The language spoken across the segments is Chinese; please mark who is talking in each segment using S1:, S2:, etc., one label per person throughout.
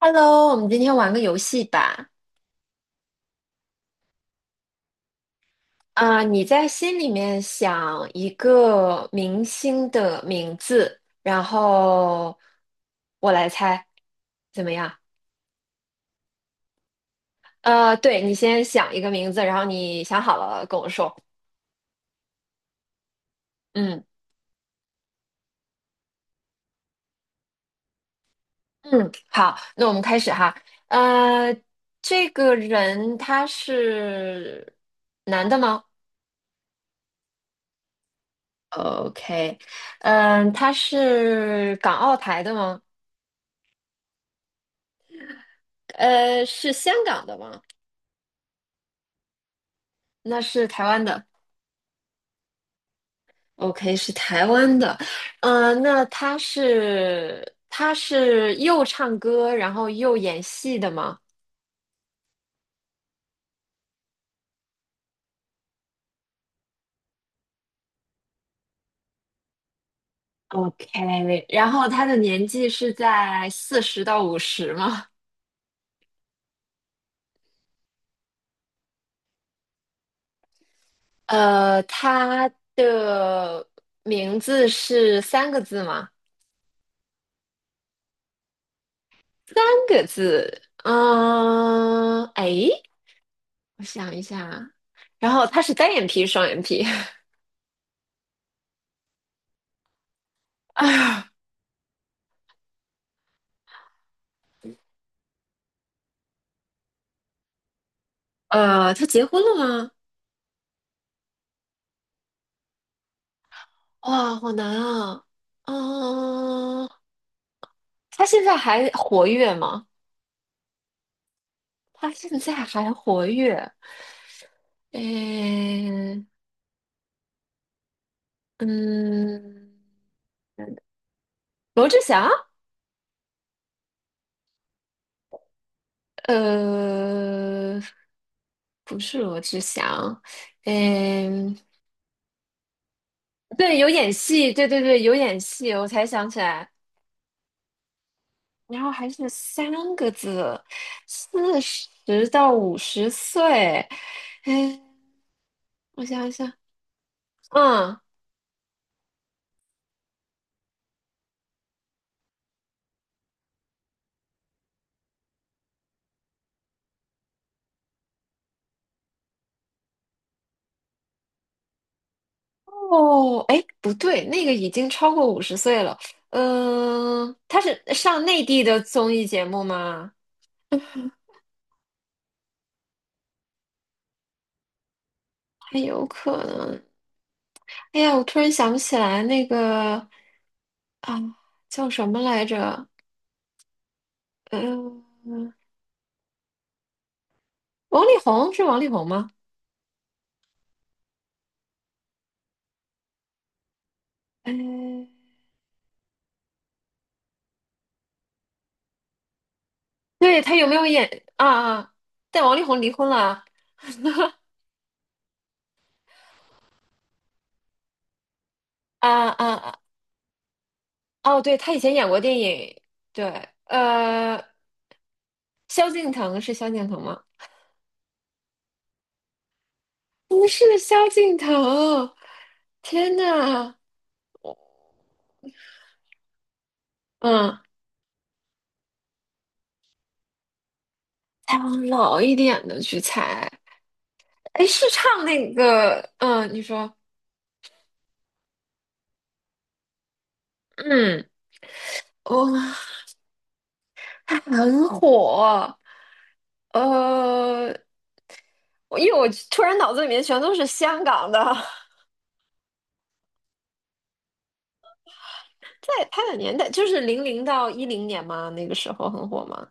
S1: Hello，我们今天玩个游戏吧。啊、你在心里面想一个明星的名字，然后我来猜，怎么样？对，你先想一个名字，然后你想好了跟我说。嗯嗯，好，那我们开始哈。呃，这个人他是男的吗？OK，嗯、他是港澳台的吗？是香港的吗？那是台湾的，OK，是台湾的，那他是又唱歌，然后又演戏的吗？OK，然后他的年纪是在四十到五十吗？他的名字是三个字吗？三个字，嗯、哎，我想一下啊，然后他是单眼皮、双眼皮，啊，他结婚了吗？哇，好难啊！嗯，他现在还活跃吗？他现在还活跃？诶，嗯，罗志祥？呃，不是罗志祥。嗯，对，有演戏，对对对，有演戏，我才想起来。然后还是三个字，40到50岁。哎，我想一想，嗯。哦，哎，不对，那个已经超过五十岁了。嗯、他是上内地的综艺节目吗？还有可能。哎呀，我突然想不起来那个啊，叫什么来着？呃，王力宏是王力宏吗？哎，对，他有没有演啊啊？但王力宏离婚了啊啊啊！哦，对，他以前演过电影，对，萧敬腾是萧敬腾吗？不是萧敬腾，天呐，嗯，再往老一点的去猜，哎，是唱那个，嗯，你说，嗯，哦，他很火，呃，因为我突然脑子里面全都是香港的，在他的年代就是00到10年嘛，那个时候很火吗？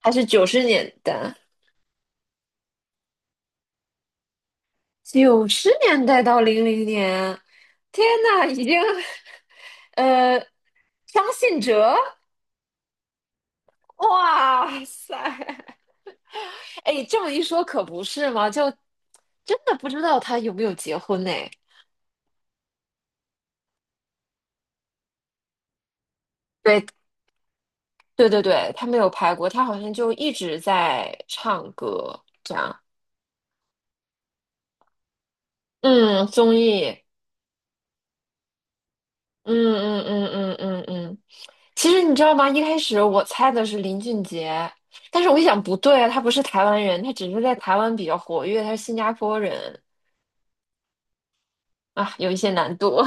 S1: 还是九十年代？90年代到00年，天呐，已经，呃，张信哲，哇塞，哎，这么一说可不是嘛，就真的不知道他有没有结婚呢？对，对对对，他没有拍过，他好像就一直在唱歌，这样，嗯，综艺，嗯嗯嗯嗯嗯嗯，其实你知道吗？一开始我猜的是林俊杰，但是我一想不对啊，他不是台湾人，他只是在台湾比较活跃，他是新加坡人啊，有一些难度。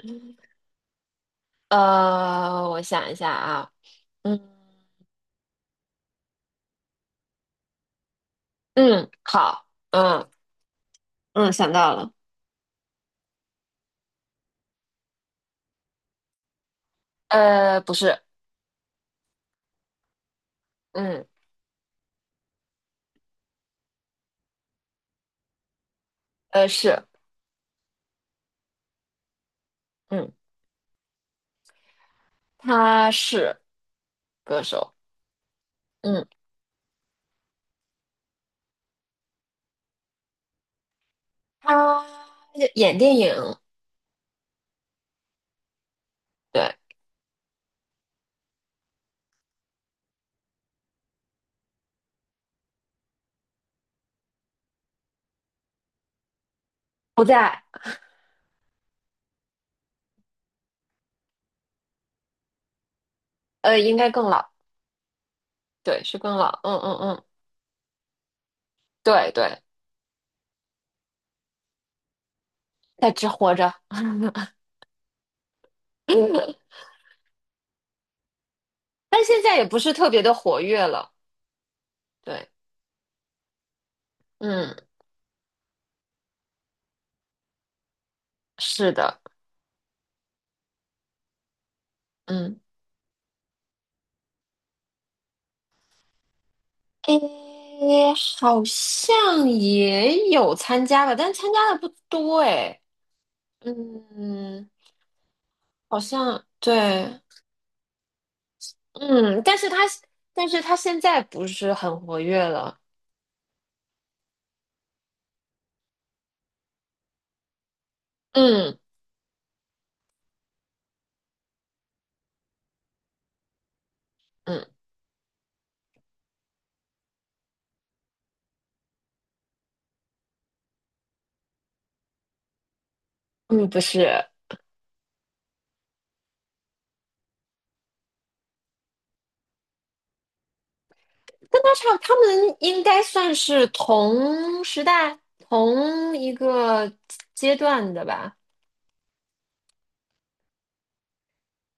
S1: 我想一下啊，嗯嗯，好，嗯嗯，想到了，不是，嗯是，嗯，他是歌手，嗯，他演电影，对，不在，应该更老，对，是更老，嗯嗯嗯，对对。在只活着，但现在也不是特别的活跃了。对，嗯，是的，嗯，诶，好像也有参加吧，但参加的不多诶。嗯，好像对，嗯，但是他现在不是很活跃了。嗯嗯嗯，不是，跟他差，他们应该算是同时代、同一个阶段的吧。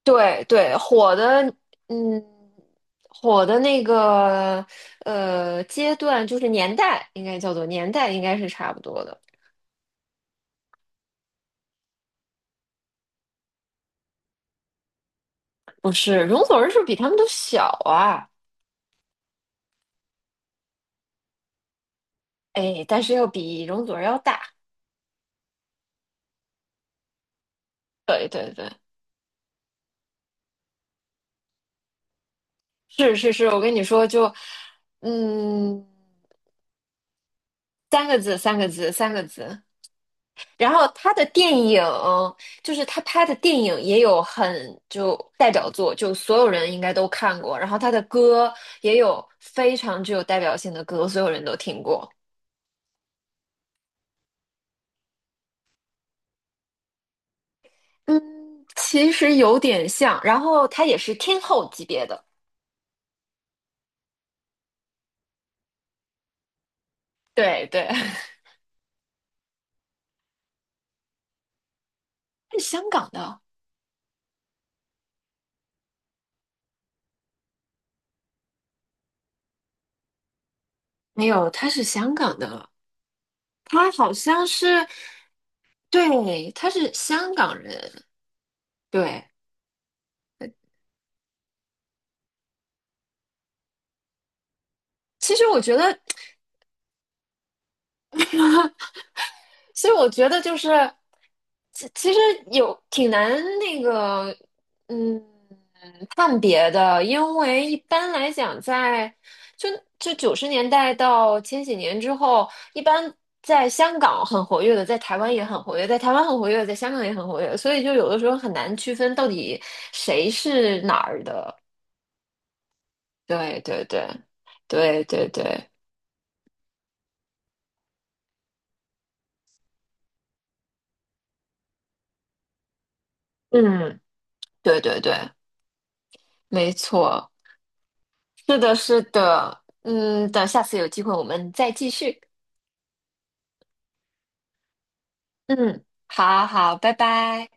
S1: 对对，火的，嗯，火的那个阶段就是年代，应该叫做年代，应该是差不多的。不是，容祖儿是不是比他们都小啊？哎，但是要比容祖儿要大。对对对，是是是，我跟你说就，嗯，三个字，三个字，三个字。然后他的电影，就是他拍的电影也有很就代表作，就所有人应该都看过。然后他的歌也有非常具有代表性的歌，所有人都听过。嗯，其实有点像。然后他也是天后级别的，对对，他是香港的，没有，他是香港的，他好像是，对，他是香港人。对，其实我觉得。所以我觉得就是，其实有挺难那个，嗯，判别的，因为一般来讲在，就就九十年代到千禧年之后，一般在香港很活跃的，在台湾也很活跃，在台湾很活跃，在香港也很活跃，所以就有的时候很难区分到底谁是哪儿的。对对对，对对对，嗯，对对对，没错。是的，是的，嗯，等下次有机会我们再继续。嗯，好好，拜拜。